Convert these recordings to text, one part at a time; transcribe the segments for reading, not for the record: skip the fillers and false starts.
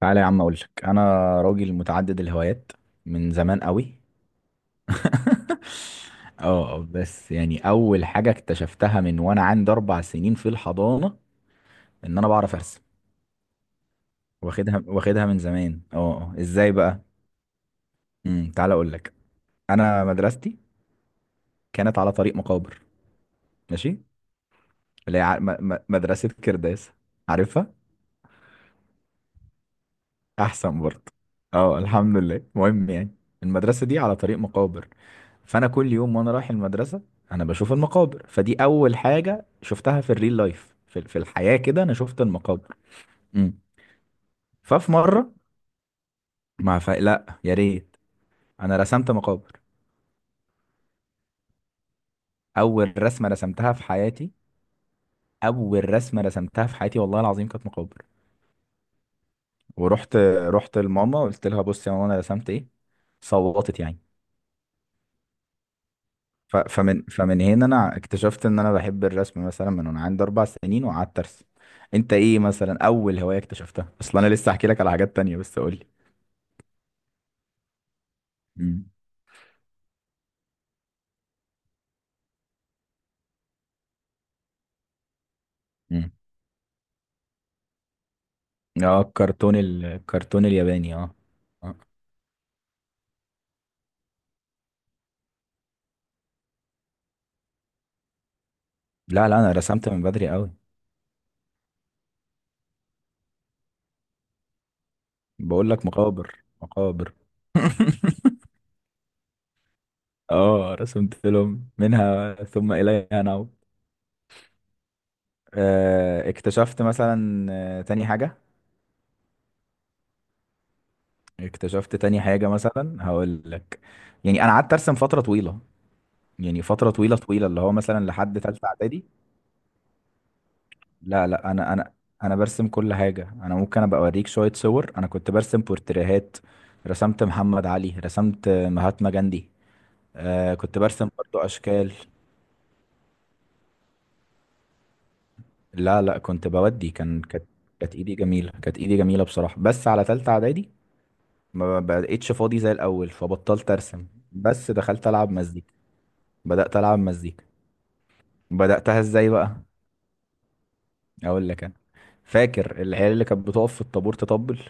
تعالى يا عم، اقول لك انا راجل متعدد الهوايات من زمان قوي. اه، بس يعني اول حاجه اكتشفتها من وانا عندي 4 سنين في الحضانه، ان انا بعرف ارسم. واخدها من زمان. ازاي بقى؟ تعالى اقول لك. انا مدرستي كانت على طريق مقابر، ماشي. اللي هي مدرسه كرداس، عارفها؟ احسن برضه. اه، الحمد لله. المهم يعني، المدرسه دي على طريق مقابر. فانا كل يوم وانا رايح المدرسه انا بشوف المقابر. فدي اول حاجه شفتها في الريل لايف، في الحياه كده انا شفت المقابر. امم ففي مره ما ف... لا يا ريت، انا رسمت مقابر. اول رسمه رسمتها في حياتي، اول رسمه رسمتها في حياتي والله العظيم كانت مقابر. ورحت رحت لماما، قلت لها: بصي يا ماما، انا رسمت ايه. صوتت يعني. فمن هنا انا اكتشفت ان انا بحب الرسم، مثلا من وانا عندي 4 سنين وقعدت ارسم. انت ايه مثلا اول هواية اكتشفتها اصلا؟ انا لسه هحكي لك على حاجات تانية، بس قول لي. مم. مم. اه، الكرتون الياباني، اه. آه. لا لا، انا رسمت من بدري قوي. بقول لك: مقابر، مقابر. اه، رسمت لهم. منها ثم اليها نعود. اكتشفت مثلا تاني حاجة. اكتشفت تاني حاجة مثلا، هقول لك. يعني انا قعدت ارسم فترة طويلة. يعني فترة طويلة طويلة، اللي هو مثلا لحد تالتة إعدادي. لا لا، أنا برسم كل حاجة. أنا ممكن أبقى أوريك شوية صور. أنا كنت برسم بورتريهات. رسمت محمد علي، رسمت مهاتما جاندي. آه، كنت برسم برضو أشكال. لا لا، كنت بودي كان كانت كانت إيدي جميلة، كانت إيدي جميلة بصراحة. بس على تالتة إعدادي ما بقتش فاضي زي الأول، فبطلت أرسم بس دخلت ألعب مزيكا. بدأت ألعب مزيكا. بدأتها إزاي بقى؟ اقول لك انا. فاكر العيال اللي كانت بتقف في الطابور تطبل؟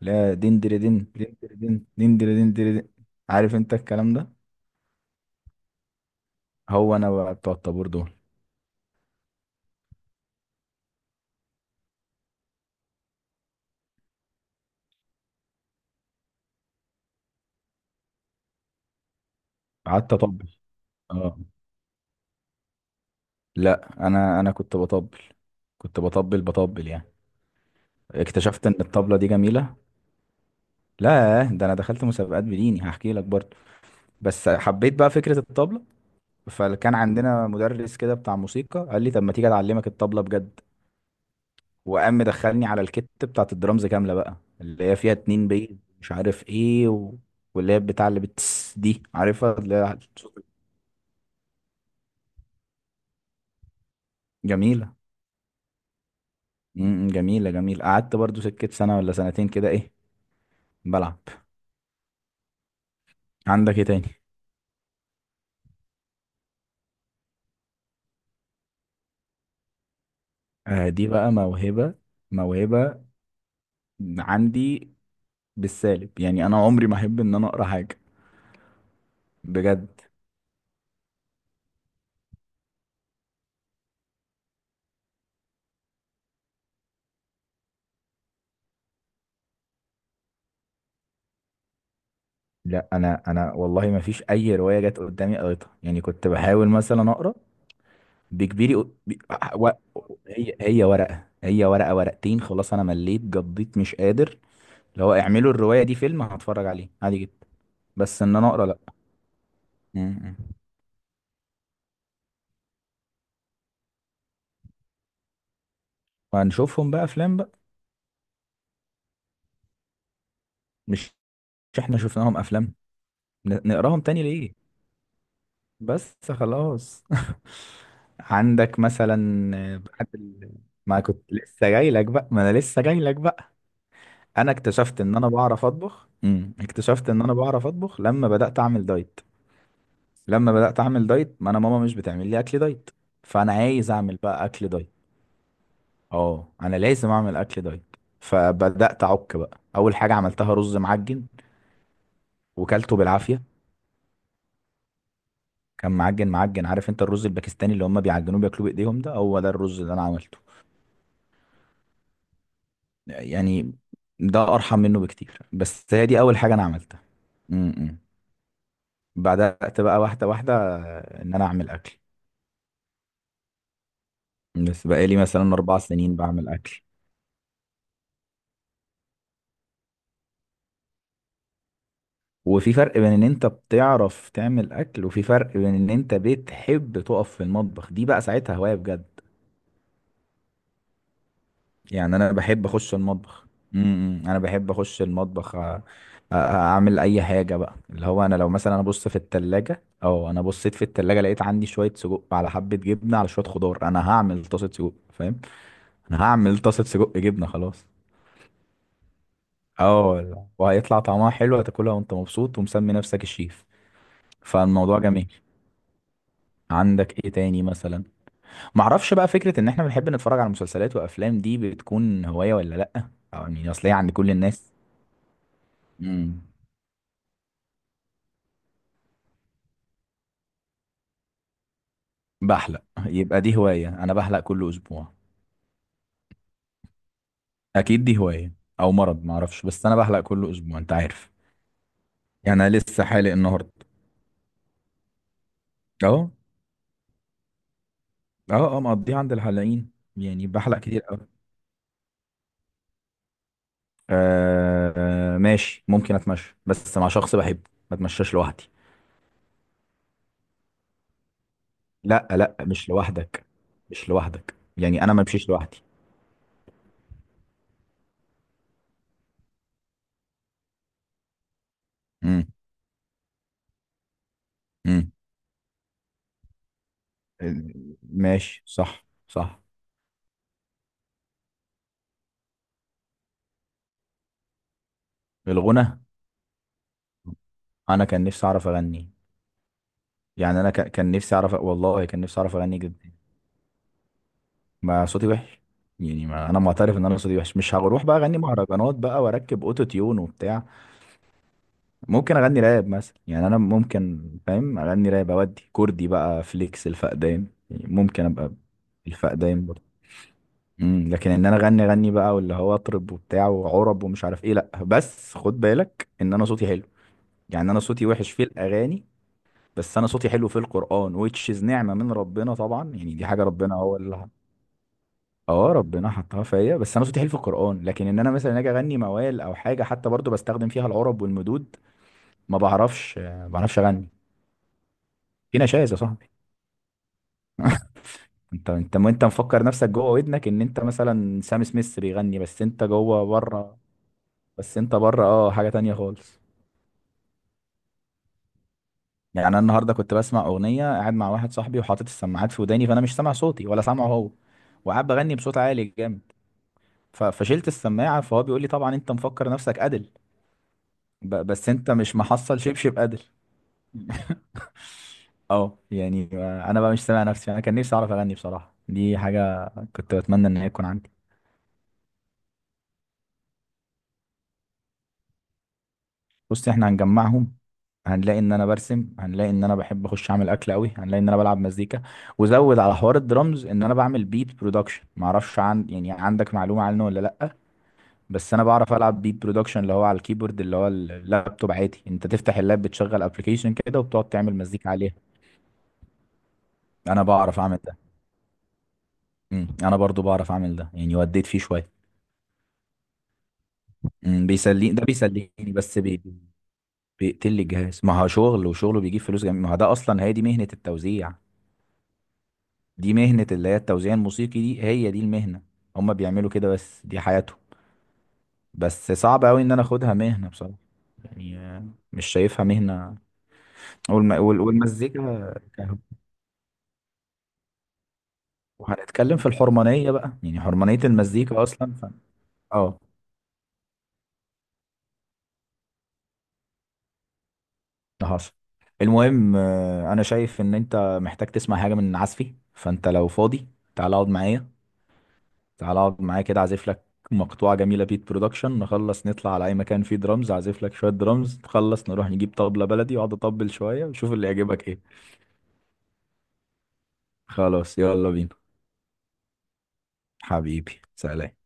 لا، دين دين دين دين، دين دين دين دين. عارف انت الكلام ده؟ هو انا بقى بتوع الطابور دول. قعدت اطبل، اه. لا، انا كنت بطبل. كنت بطبل بطبل يعني. اكتشفت ان الطبلة دي جميلة. لا ده انا دخلت مسابقات، بديني هحكي لك برضه. بس حبيت بقى فكرة الطبلة. فكان عندنا مدرس كده بتاع موسيقى قال لي: طب ما تيجي اتعلمك الطبلة بجد. وقام مدخلني على الكت بتاعت الدرامز كاملة بقى، اللي هي فيها 2 بيز، مش عارف ايه و... واللي هي بتاع اللي بتس دي، عارفها اللي هي... جميلة. جميلة جميلة، قعدت برضو سكة سنة ولا سنتين كده ايه، بلعب. عندك ايه تاني؟ آه دي بقى موهبة. موهبة عندي بالسالب، يعني انا عمري ما احب ان انا اقرا حاجة. بجد. لا، انا والله ما فيش اي رواية جت قدامي قريتها، يعني كنت بحاول مثلا اقرا بكبيري و... و... هي ورقة، ورقتين، خلاص انا مليت قضيت مش قادر. اللي هو اعملوا الرواية دي فيلم، هتفرج عليه عادي جدا. بس ان انا اقرا، لا. م-م. وهنشوفهم بقى افلام بقى. مش مش احنا شفناهم افلام؟ نقراهم تاني ليه؟ بس خلاص. عندك مثلا؟ بعد ال... ما كنت لسه جاي لك بقى ما انا لسه جاي لك بقى. انا اكتشفت ان انا بعرف اطبخ. اكتشفت ان انا بعرف اطبخ لما بدأت اعمل دايت. لما بدأت أعمل دايت، ما أنا ماما مش بتعمل لي أكل دايت، فأنا عايز أعمل بقى أكل دايت. أه، أنا لازم أعمل أكل دايت، فبدأت أعك بقى. أول حاجة عملتها رز معجن، وكلته بالعافية. كان معجن معجن. عارف أنت الرز الباكستاني اللي هم بيعجنوه بياكلوه بإيديهم؟ ده هو ده الرز اللي أنا عملته. يعني ده أرحم منه بكتير، بس هي دي أول حاجة أنا عملتها. إمم. بدأت بقى واحدة واحدة، إن أنا أعمل أكل. بس بقالي مثلا 4 سنين بعمل أكل. وفي فرق بين ان انت بتعرف تعمل اكل، وفي فرق بين ان انت بتحب تقف في المطبخ، دي بقى ساعتها هواية بجد. يعني انا بحب اخش المطبخ. إمم. انا بحب اخش المطبخ، اعمل اي حاجة بقى. اللي هو انا لو مثلا انا بصيت في التلاجة لقيت عندي شوية سجق على حبة جبنة على شوية خضار، انا هعمل طاسة سجق، فاهم؟ انا هعمل طاسة سجق جبنة، خلاص. اه، وهيطلع طعمها حلو، هتاكلها وانت مبسوط ومسمي نفسك الشيف. فالموضوع جميل. عندك ايه تاني مثلا؟ معرفش بقى، فكرة ان احنا بنحب نتفرج على مسلسلات وافلام، دي بتكون هواية ولا لأ؟ او يعني اصل هي عند كل الناس. امم بحلق يبقى دي هواية، انا بحلق كل اسبوع. اكيد دي هواية، او مرض معرفش، بس انا بحلق كل اسبوع، انت عارف. يعني انا لسه حالق النهاردة. اهو. اه، اه، مقضيه عند الحلاقين. يعني بحلق كتير قوي. آه، آه، ماشي ممكن اتمشى بس مع شخص بحبه. ما اتمشاش لوحدي. لا لا، مش لوحدك. مش لوحدك، يعني انا ما بمشيش لوحدي. امم ماشي، صح صح. الغنى. انا كان نفسي اعرف اغني. يعني انا كان نفسي اعرف، والله كان نفسي اعرف اغني جدا. ما صوتي وحش. يعني ما انا معترف ان انا صوتي وحش، مش هروح بقى اغني مهرجانات بقى واركب اوتو تيون وبتاع. ممكن اغني راب مثلا، يعني انا ممكن فاهم اغني راب، اودي كردي بقى فليكس الفقدان، يعني ممكن ابقى الفقدان برضه. لكن ان انا اغني اغني بقى، واللي هو اطرب وبتاع وعرب ومش عارف ايه، لا. بس خد بالك ان انا صوتي حلو. يعني انا صوتي وحش في الاغاني، بس انا صوتي حلو في القرآن, which is نعمة من ربنا طبعا، يعني دي حاجة ربنا هو اللي... اه، ربنا حطها فيا. بس انا صوتي حلو في القرآن، لكن ان انا مثلا اجي اغني موال او حاجة حتى برضو بستخدم فيها العرب والمدود، ما بعرفش، ما بعرفش اغني. في نشاز يا صاحبي. انت مفكر نفسك جوه ودنك ان انت مثلا سام سميث بيغني، بس انت جوه بره. بس انت بره، حاجة تانية خالص. يعني انا النهارده كنت بسمع اغنية قاعد مع واحد صاحبي، وحاطط السماعات في وداني، فانا مش سامع صوتي ولا سامعه هو، وقاعد بغني بصوت عالي جامد. فشلت السماعه، فهو بيقول لي: طبعا انت مفكر نفسك ادل، بس انت مش محصل شبشب ادل. اه يعني، انا بقى مش سامع نفسي. انا كان نفسي اعرف اغني بصراحه، دي حاجه كنت بتمنى ان هي تكون عندي. بص، احنا هنجمعهم. هنلاقي ان انا برسم، هنلاقي ان انا بحب اخش اعمل اكل قوي، هنلاقي ان انا بلعب مزيكا. وزود على حوار الدرامز، ان انا بعمل بيت برودكشن، معرفش عن، يعني عندك معلومه عنه ولا لا؟ بس انا بعرف العب بيت برودكشن، اللي هو على الكيبورد، اللي هو اللابتوب عادي، انت تفتح اللاب بتشغل ابلكيشن كده وبتقعد تعمل مزيكا عليها. انا بعرف اعمل ده. انا برضو بعرف اعمل ده، يعني وديت فيه شويه. بيسليني ده، بيسليني بس بيقتل لي الجهاز. ما هو شغل، وشغله بيجيب فلوس جميل. ما هو ده اصلا هي دي مهنه التوزيع. دي مهنه، اللي هي التوزيع الموسيقي، دي هي دي المهنه. هما بيعملوا كده، بس دي حياتهم. بس صعب قوي ان انا اخدها مهنه بصراحه. يعني مش شايفها مهنه. والمزيكا وهنتكلم في الحرمانيه بقى، يعني حرمانيه المزيكا اصلا ف... اه، حصل. المهم انا شايف ان انت محتاج تسمع حاجه من عزفي، فانت لو فاضي تعال اقعد معايا. تعال اقعد معايا كده اعزف لك مقطوعه جميله بيت برودكشن، نخلص نطلع على اي مكان فيه درامز اعزف لك شويه درامز، نخلص نروح نجيب طبله بلدي واقعد اطبل شويه وشوف اللي يعجبك ايه. خلاص يلا بينا. حبيبي، سلام.